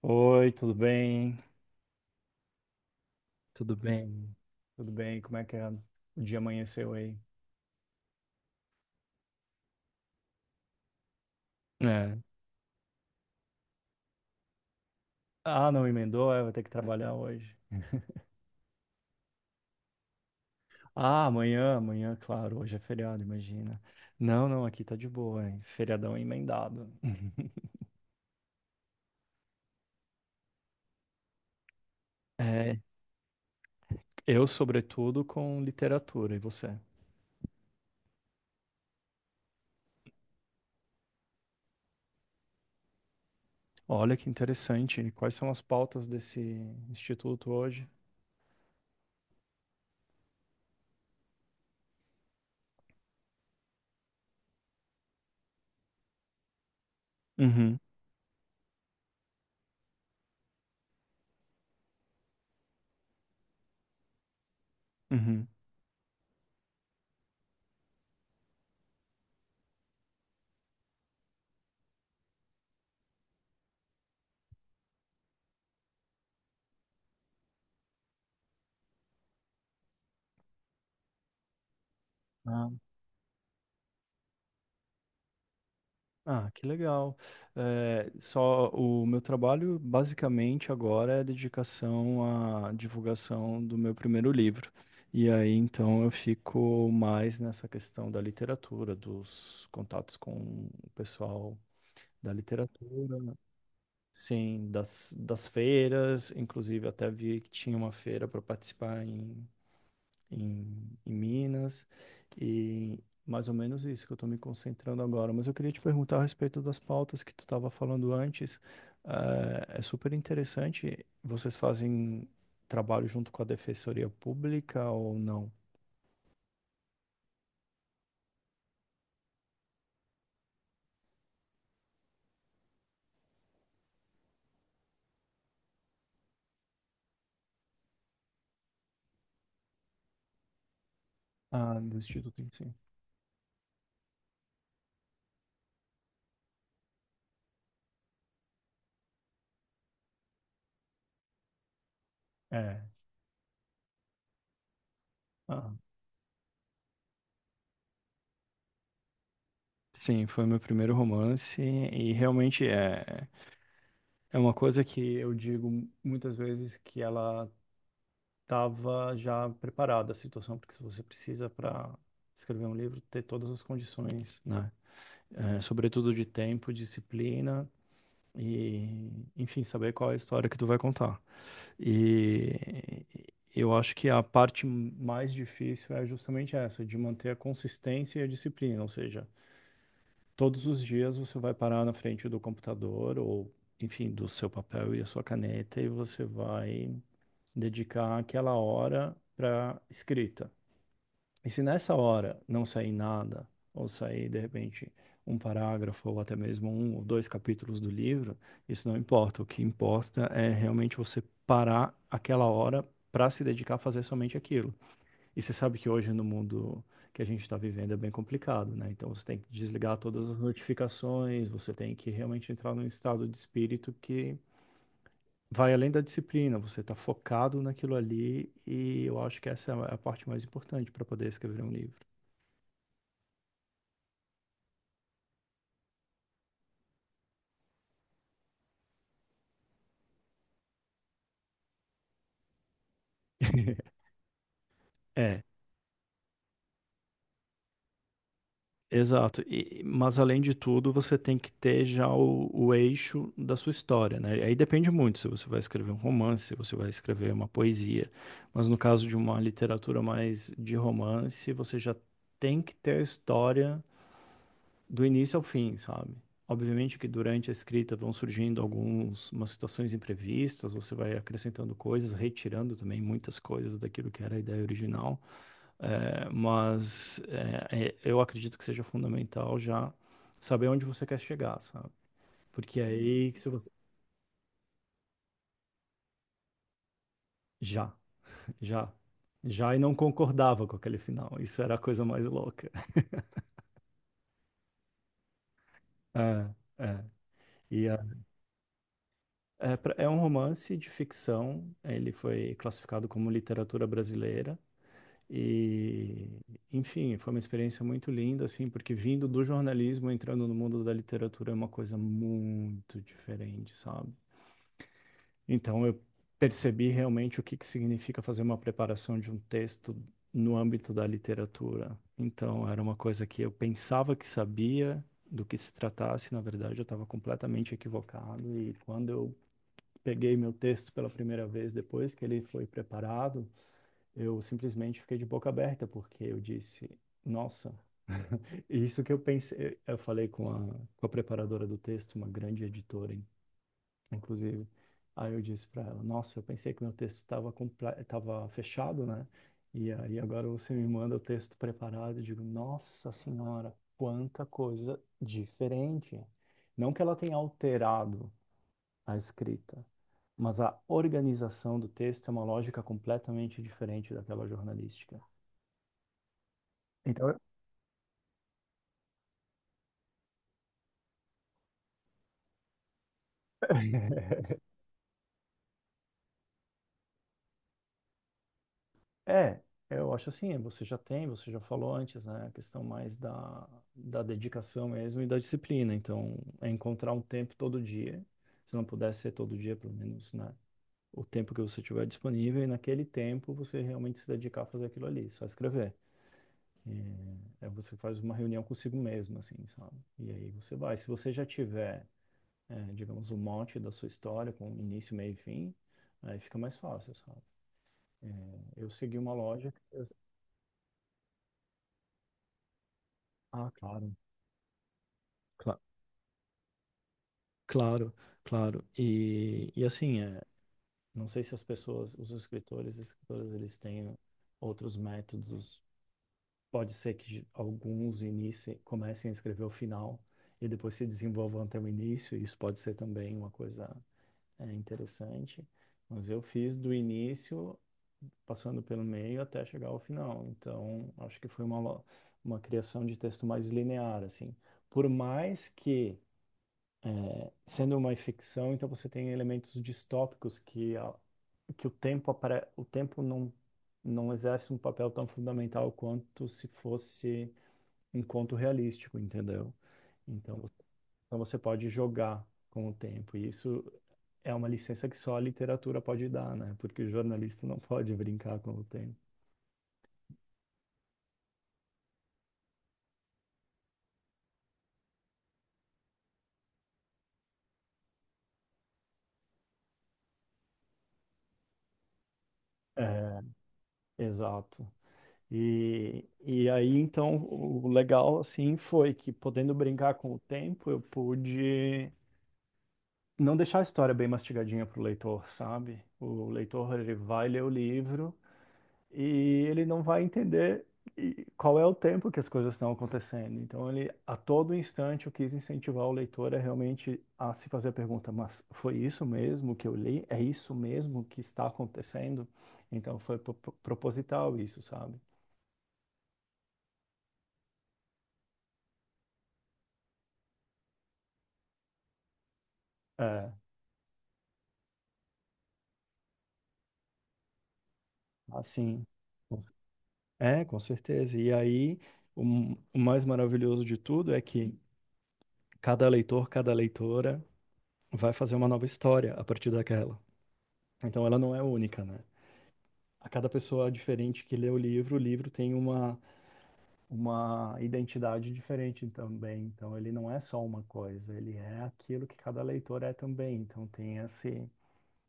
Oi, tudo bem? Tudo bem? Tudo bem? Como é que é? O dia amanheceu aí? É. Ah, não emendou? É, vai ter que trabalhar hoje. Ah, amanhã, amanhã, claro, hoje é feriado, imagina. Não, não, aqui tá de boa, hein? Feriadão emendado. É, eu, sobretudo, com literatura, e você? Olha que interessante. Quais são as pautas desse instituto hoje? Uhum, uhum. Ah, que legal. Só o meu trabalho basicamente agora é dedicação à divulgação do meu primeiro livro. E aí então eu fico mais nessa questão da literatura, dos contatos com o pessoal da literatura, sim, das feiras. Inclusive até vi que tinha uma feira para participar em Minas, e mais ou menos isso que eu estou me concentrando agora. Mas eu queria te perguntar a respeito das pautas que tu estava falando antes. É super interessante. Vocês fazem trabalho junto com a Defensoria Pública ou não? Ah, do Instituto em si. É. Ah, sim, foi meu primeiro romance e realmente é uma coisa que eu digo muitas vezes que ela estava já preparada a situação, porque se você precisa para escrever um livro ter todas as condições, né? É, sobretudo de tempo, disciplina e, enfim, saber qual é a história que tu vai contar. E eu acho que a parte mais difícil é justamente essa, de manter a consistência e a disciplina, ou seja, todos os dias você vai parar na frente do computador ou, enfim, do seu papel e a sua caneta e você vai dedicar aquela hora para escrita. E se nessa hora não sair nada, ou sair, de repente, um parágrafo, ou até mesmo um ou dois capítulos do livro, isso não importa. O que importa é realmente você parar aquela hora para se dedicar a fazer somente aquilo. E você sabe que hoje, no mundo que a gente está vivendo, é bem complicado, né? Então você tem que desligar todas as notificações, você tem que realmente entrar num estado de espírito que. Vai além da disciplina, você está focado naquilo ali, e eu acho que essa é a parte mais importante para poder escrever um livro. É, exato. Mas além de tudo, você tem que ter já o eixo da sua história, né? Aí depende muito se você vai escrever um romance, se você vai escrever uma poesia. Mas no caso de uma literatura mais de romance, você já tem que ter a história do início ao fim, sabe? Obviamente que durante a escrita vão surgindo algumas situações imprevistas, você vai acrescentando coisas, retirando também muitas coisas daquilo que era a ideia original, mas eu acredito que seja fundamental já saber onde você quer chegar, sabe? Porque é aí, se você já, já, já e não concordava com aquele final, isso era a coisa mais louca. É, é. E é, é um romance de ficção, ele foi classificado como literatura brasileira e, enfim, foi uma experiência muito linda, assim, porque vindo do jornalismo, entrando no mundo da literatura é uma coisa muito diferente, sabe? Então eu percebi realmente o que que significa fazer uma preparação de um texto no âmbito da literatura. Então era uma coisa que eu pensava que sabia do que se tratasse, na verdade eu estava completamente equivocado e quando eu peguei meu texto pela primeira vez depois que ele foi preparado, eu simplesmente fiquei de boca aberta, porque eu disse, nossa, isso que eu pensei, eu falei com a preparadora do texto, uma grande editora, inclusive, aí eu disse para ela, nossa, eu pensei que meu texto estava fechado, né? E aí agora você me manda o texto preparado, e digo, nossa senhora, quanta coisa diferente. Não que ela tenha alterado a escrita, mas a organização do texto é uma lógica completamente diferente daquela jornalística. Então, é, eu acho assim, você já tem, você já falou antes, né, a questão mais da dedicação mesmo e da disciplina. Então, é encontrar um tempo todo dia, se não puder ser todo dia, pelo menos, né, o tempo que você tiver disponível e naquele tempo você realmente se dedicar a fazer aquilo ali, só escrever. Você faz uma reunião consigo mesmo, assim, sabe? E aí você vai. Se você já tiver é, digamos, o monte da sua história, com início, meio e fim, aí fica mais fácil, sabe? É, eu segui uma lógica Ah, claro. cla- Claro, claro. E assim, é, não sei se as pessoas, os escritores e escritoras, eles têm outros métodos. Pode ser que alguns iniciem, comecem a escrever o final e depois se desenvolvam até o início. Isso pode ser também uma coisa. É interessante. Mas eu fiz do início, passando pelo meio até chegar ao final. Então, acho que foi uma, uma criação de texto mais linear, assim. Por mais que, é, sendo uma ficção, então você tem elementos distópicos que o tempo, o tempo não exerce um papel tão fundamental quanto se fosse um conto realístico, entendeu? Então, então você pode jogar com o tempo. E isso é uma licença que só a literatura pode dar, né? Porque o jornalista não pode brincar com o tempo. É, exato. E aí, então, o legal, assim, foi que podendo brincar com o tempo, eu pude não deixar a história bem mastigadinha para o leitor, sabe? O leitor ele vai ler o livro e ele não vai entender qual é o tempo que as coisas estão acontecendo. Então, ele a todo instante eu quis incentivar o leitor a realmente a se fazer a pergunta: mas foi isso mesmo que eu li? É isso mesmo que está acontecendo? Então, foi proposital isso, sabe? É, assim. com- É, com certeza. E aí, o mais maravilhoso de tudo é que cada leitor, cada leitora vai fazer uma nova história a partir daquela. Então ela não é única, né? A cada pessoa é diferente que lê o livro tem uma identidade diferente também. Então ele não é só uma coisa, ele é aquilo que cada leitor é também. Então tem esse,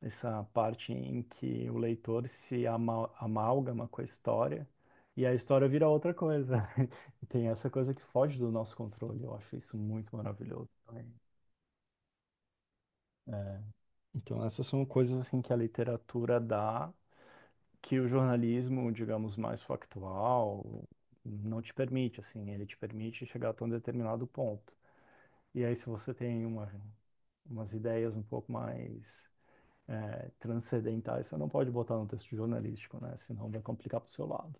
essa parte em que o leitor se ama, amálgama com a história e a história vira outra coisa. E tem essa coisa que foge do nosso controle. Eu acho isso muito maravilhoso também. É. Então, essas são coisas assim que a literatura dá, que o jornalismo, digamos, mais factual, não te permite, assim, ele te permite chegar até um determinado ponto. E aí, se você tem uma, umas ideias um pouco mais é, transcendentais, você não pode botar no texto jornalístico, né? Senão vai complicar para o seu lado.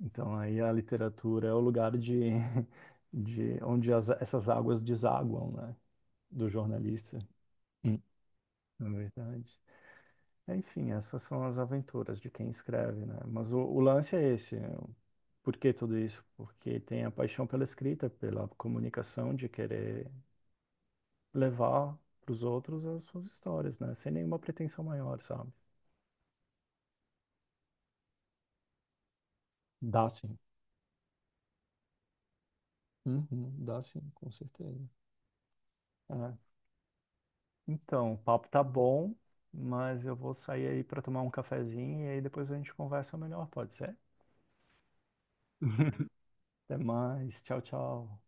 Então, aí a literatura é o lugar de, de onde essas águas desaguam, né? Do jornalista, hum, na verdade. É, enfim, essas são as aventuras de quem escreve, né? Mas o lance é esse, né? Por que tudo isso? Porque tem a paixão pela escrita, pela comunicação, de querer levar para os outros as suas histórias, né? Sem nenhuma pretensão maior, sabe? Dá sim. Uhum, dá sim, com certeza. É. Então, o papo tá bom, mas eu vou sair aí para tomar um cafezinho e aí depois a gente conversa melhor, pode ser? Até mais. Tchau, tchau.